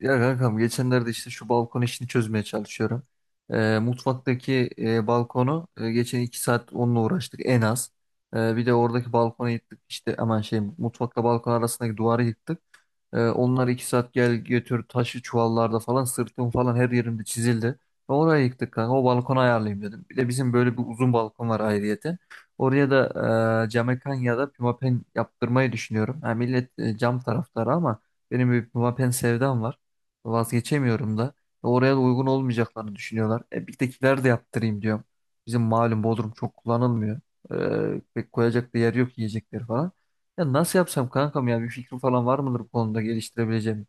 Ya kankam geçenlerde işte şu balkon işini çözmeye çalışıyorum. Mutfaktaki balkonu geçen 2 saat onunla uğraştık en az. Bir de oradaki balkonu yıktık işte aman şey mutfakla balkon arasındaki duvarı yıktık. Onlar 2 saat gel götür taşı çuvallarda falan sırtım falan her yerimde çizildi. Ve oraya yıktık kanka o balkonu ayarlayayım dedim. Bir de bizim böyle bir uzun balkon var ayrıyeten. Oraya da camekan ya da pimapen yaptırmayı düşünüyorum. Ha, millet cam taraftarı ama benim bir pimapen sevdam var. Vazgeçemiyorum da. Ve oraya da uygun olmayacaklarını düşünüyorlar. Birdekiler de yaptırayım diyorum. Bizim malum Bodrum çok kullanılmıyor. Pek koyacak da yer yok yiyecekleri falan. Ya nasıl yapsam kankam ya bir fikrim falan var mıdır bu konuda geliştirebileceğim?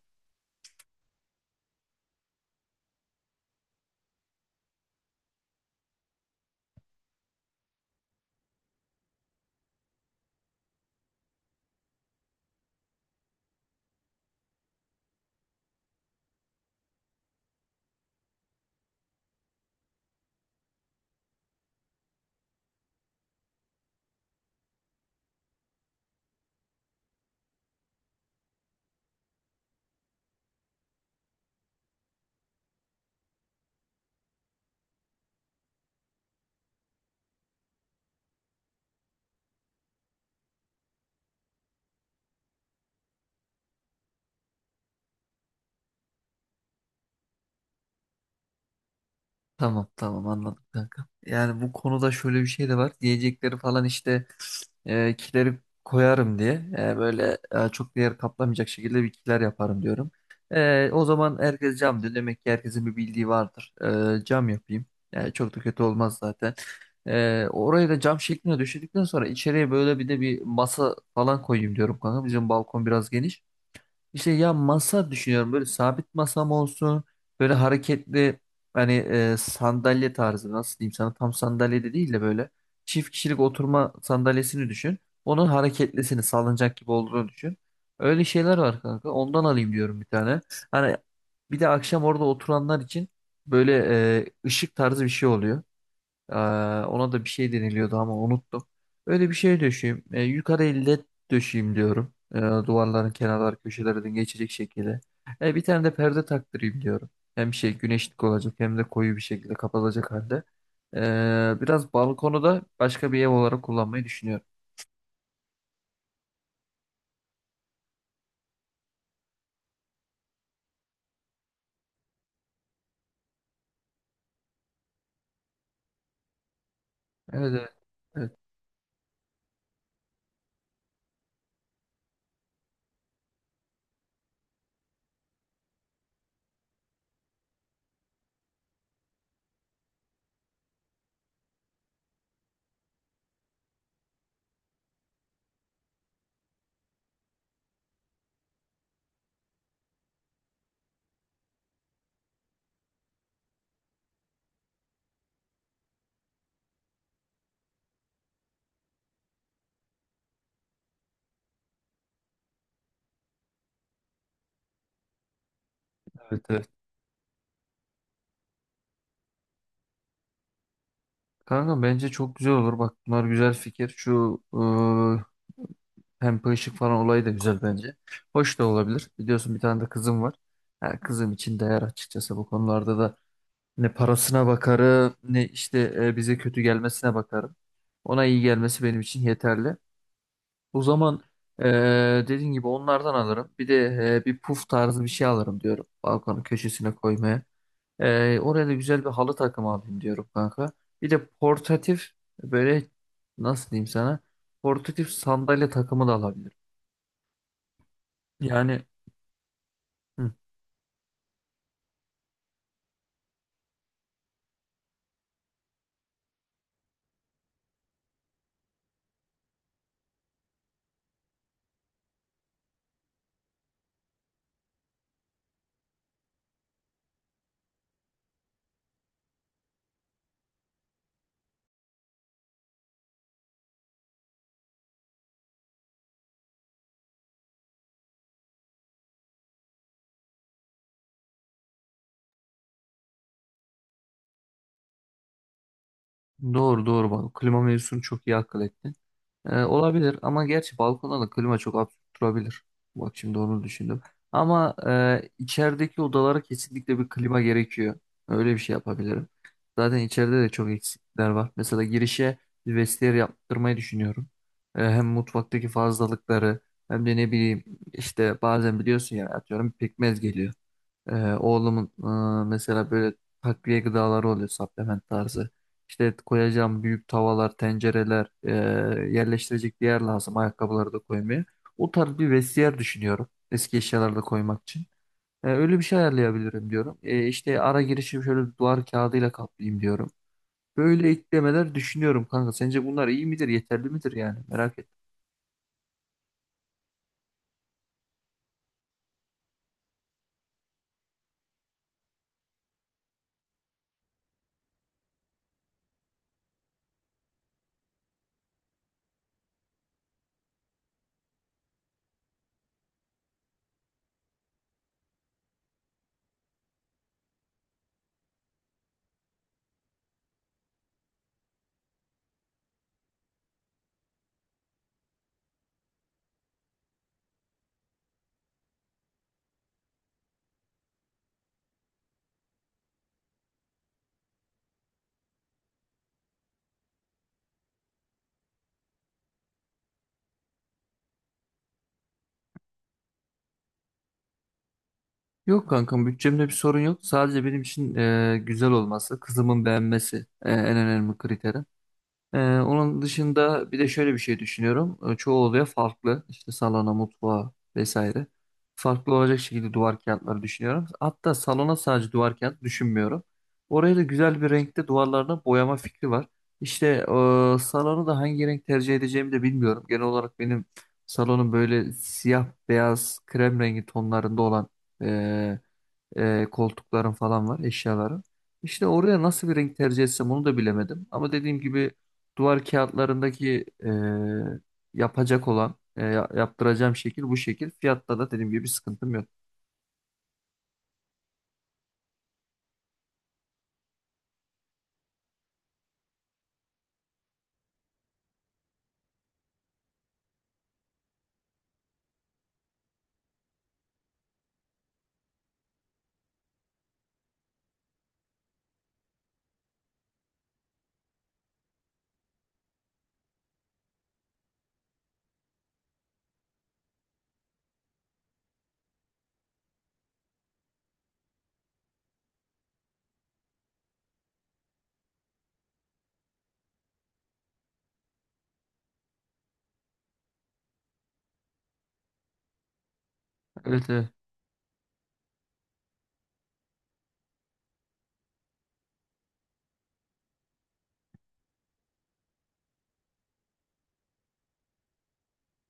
Tamam tamam, anladım kanka. Yani bu konuda şöyle bir şey de var. Diyecekleri falan işte kileri koyarım diye böyle çok değer kaplamayacak şekilde bir kiler yaparım diyorum. O zaman herkes cam diyor. Demek ki herkesin bir bildiği vardır. Cam yapayım. Yani çok da kötü olmaz zaten. Orayı da cam şekline düşürdükten sonra içeriye böyle bir de bir masa falan koyayım diyorum kanka. Bizim balkon biraz geniş. İşte ya masa düşünüyorum, böyle sabit masam olsun, böyle hareketli, hani sandalye tarzı, nasıl diyeyim sana, tam sandalye de değil de böyle çift kişilik oturma sandalyesini düşün. Onun hareketlisini, sallanacak gibi olduğunu düşün. Öyle şeyler var kanka, ondan alayım diyorum bir tane. Hani bir de akşam orada oturanlar için böyle ışık tarzı bir şey oluyor. Ee, ona da bir şey deniliyordu ama unuttum. Öyle bir şey döşeyim. Yukarı elle döşeyim diyorum. Duvarların kenarlar köşelerden geçecek şekilde. Bir tane de perde taktırayım diyorum. Hem şey, güneşlik olacak, hem de koyu bir şekilde kapatacak halde. Biraz balkonu da başka bir ev olarak kullanmayı düşünüyorum. Evet, evet. Evet, evet. Evet. Kanka bence çok güzel olur. Bak bunlar güzel fikir. Şu pembe ışık falan olayı da güzel bence. Hoş da olabilir. Biliyorsun bir tane de kızım var. Yani kızım için değer açıkçası. Bu konularda da ne parasına bakarım ne işte bize kötü gelmesine bakarım. Ona iyi gelmesi benim için yeterli. O zaman e, dediğin gibi onlardan alırım. Bir de bir puf tarzı bir şey alırım diyorum. Balkonun köşesine koymaya. Oraya da güzel bir halı takımı alayım diyorum kanka. Bir de portatif böyle, nasıl diyeyim sana? Portatif sandalye takımı da alabilirim. Yani. Hı. Doğru doğru, bak klima mevzusunu çok iyi akıl ettin. Olabilir ama gerçi balkonda da klima çok absürt durabilir. Bak şimdi onu düşündüm. Ama içerideki odalara kesinlikle bir klima gerekiyor. Öyle bir şey yapabilirim. Zaten içeride de çok eksikler var. Mesela girişe bir vestiyer yaptırmayı düşünüyorum. Hem mutfaktaki fazlalıkları, hem de ne bileyim, işte bazen biliyorsun ya, atıyorum pekmez geliyor. Oğlumun mesela böyle takviye gıdaları oluyor, supplement tarzı. İşte koyacağım büyük tavalar, tencereler, yerleştirecek bir yer lazım, ayakkabıları da koymaya. O tarz bir vestiyer düşünüyorum, eski eşyaları da koymak için. Öyle bir şey ayarlayabilirim diyorum. İşte ara girişim şöyle bir duvar kağıdıyla kaplayayım diyorum. Böyle eklemeler düşünüyorum kanka. Sence bunlar iyi midir, yeterli midir yani? Merak ettim. Yok kankam, bütçemde bir sorun yok. Sadece benim için güzel olması, kızımın beğenmesi en önemli kriterim. Onun dışında bir de şöyle bir şey düşünüyorum. Çoğu odaya farklı, işte salona, mutfağa vesaire, farklı olacak şekilde duvar kağıtları düşünüyorum. Hatta salona sadece duvar kağıt düşünmüyorum. Oraya da güzel bir renkte duvarlarına boyama fikri var. İşte salonu da hangi renk tercih edeceğimi de bilmiyorum. Genel olarak benim salonum böyle siyah, beyaz, krem rengi tonlarında olan e, koltukların falan var, eşyaların. İşte oraya nasıl bir renk tercih etsem onu da bilemedim. Ama dediğim gibi duvar kağıtlarındaki yapacak olan, yaptıracağım şekil bu şekil. Fiyatta da dediğim gibi bir sıkıntım yok. Evet, evet.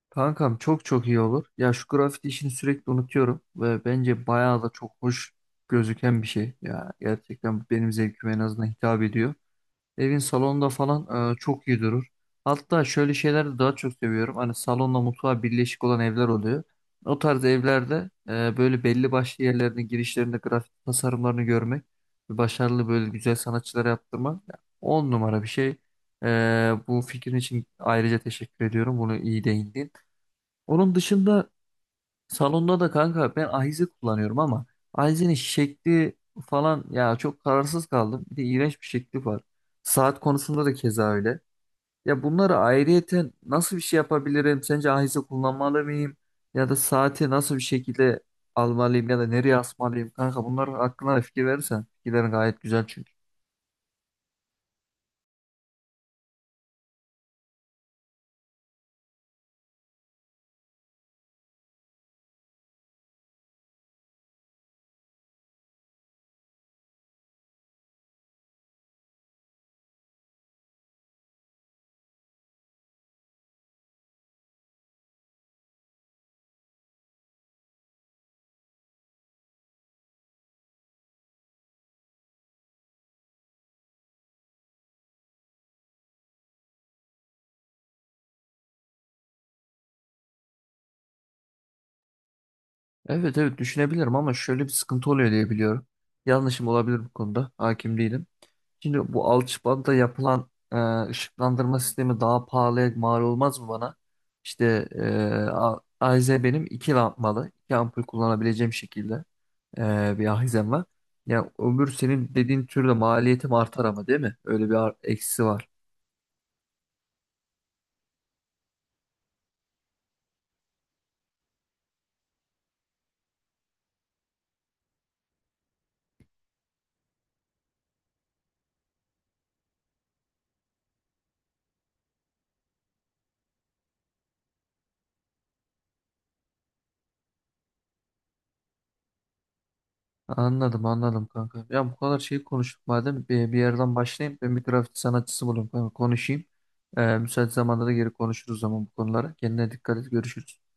Kankam çok çok iyi olur. Ya şu grafiti işini sürekli unutuyorum ve bence bayağı da çok hoş gözüken bir şey. Ya gerçekten benim zevkime en azından hitap ediyor. Evin salonunda falan çok iyi durur. Hatta şöyle şeyler de daha çok seviyorum. Hani salonla mutfağı birleşik olan evler oluyor. O tarz evlerde böyle belli başlı yerlerinde, girişlerinde grafik tasarımlarını görmek ve başarılı böyle güzel sanatçılara yaptırmak ya, on numara bir şey. E, bu fikrin için ayrıca teşekkür ediyorum. Bunu iyi değindin. Onun dışında salonda da kanka ben ahize kullanıyorum ama ahizenin şekli falan, ya çok kararsız kaldım. Bir de iğrenç bir şekli var. Saat konusunda da keza öyle. Ya bunları ayrıyeten nasıl bir şey yapabilirim? Sence ahize kullanmalı mıyım? Ya da saati nasıl bir şekilde almalıyım, ya da nereye asmalıyım? Kanka, bunlar hakkında da fikir verirsen. Fikirlerin gayet güzel çünkü. Evet evet, düşünebilirim ama şöyle bir sıkıntı oluyor diye biliyorum. Yanlışım olabilir bu konuda. Hakim değilim. Şimdi bu Alçıbada'da yapılan ışıklandırma sistemi daha pahalıya mal olmaz mı bana? İşte ahize benim iki lambalı, iki ampul kullanabileceğim şekilde bir ahizem var. Yani ömür senin dediğin türde maliyetim artar ama değil mi? Öyle bir eksisi var. Anladım anladım kanka. Ya bu kadar şey konuştuk, madem bir yerden başlayayım. Ben bir grafiti sanatçısı bulayım kanka, konuşayım. Müsait zamanda da geri konuşuruz zaman bu konulara. Kendine dikkat et, görüşürüz.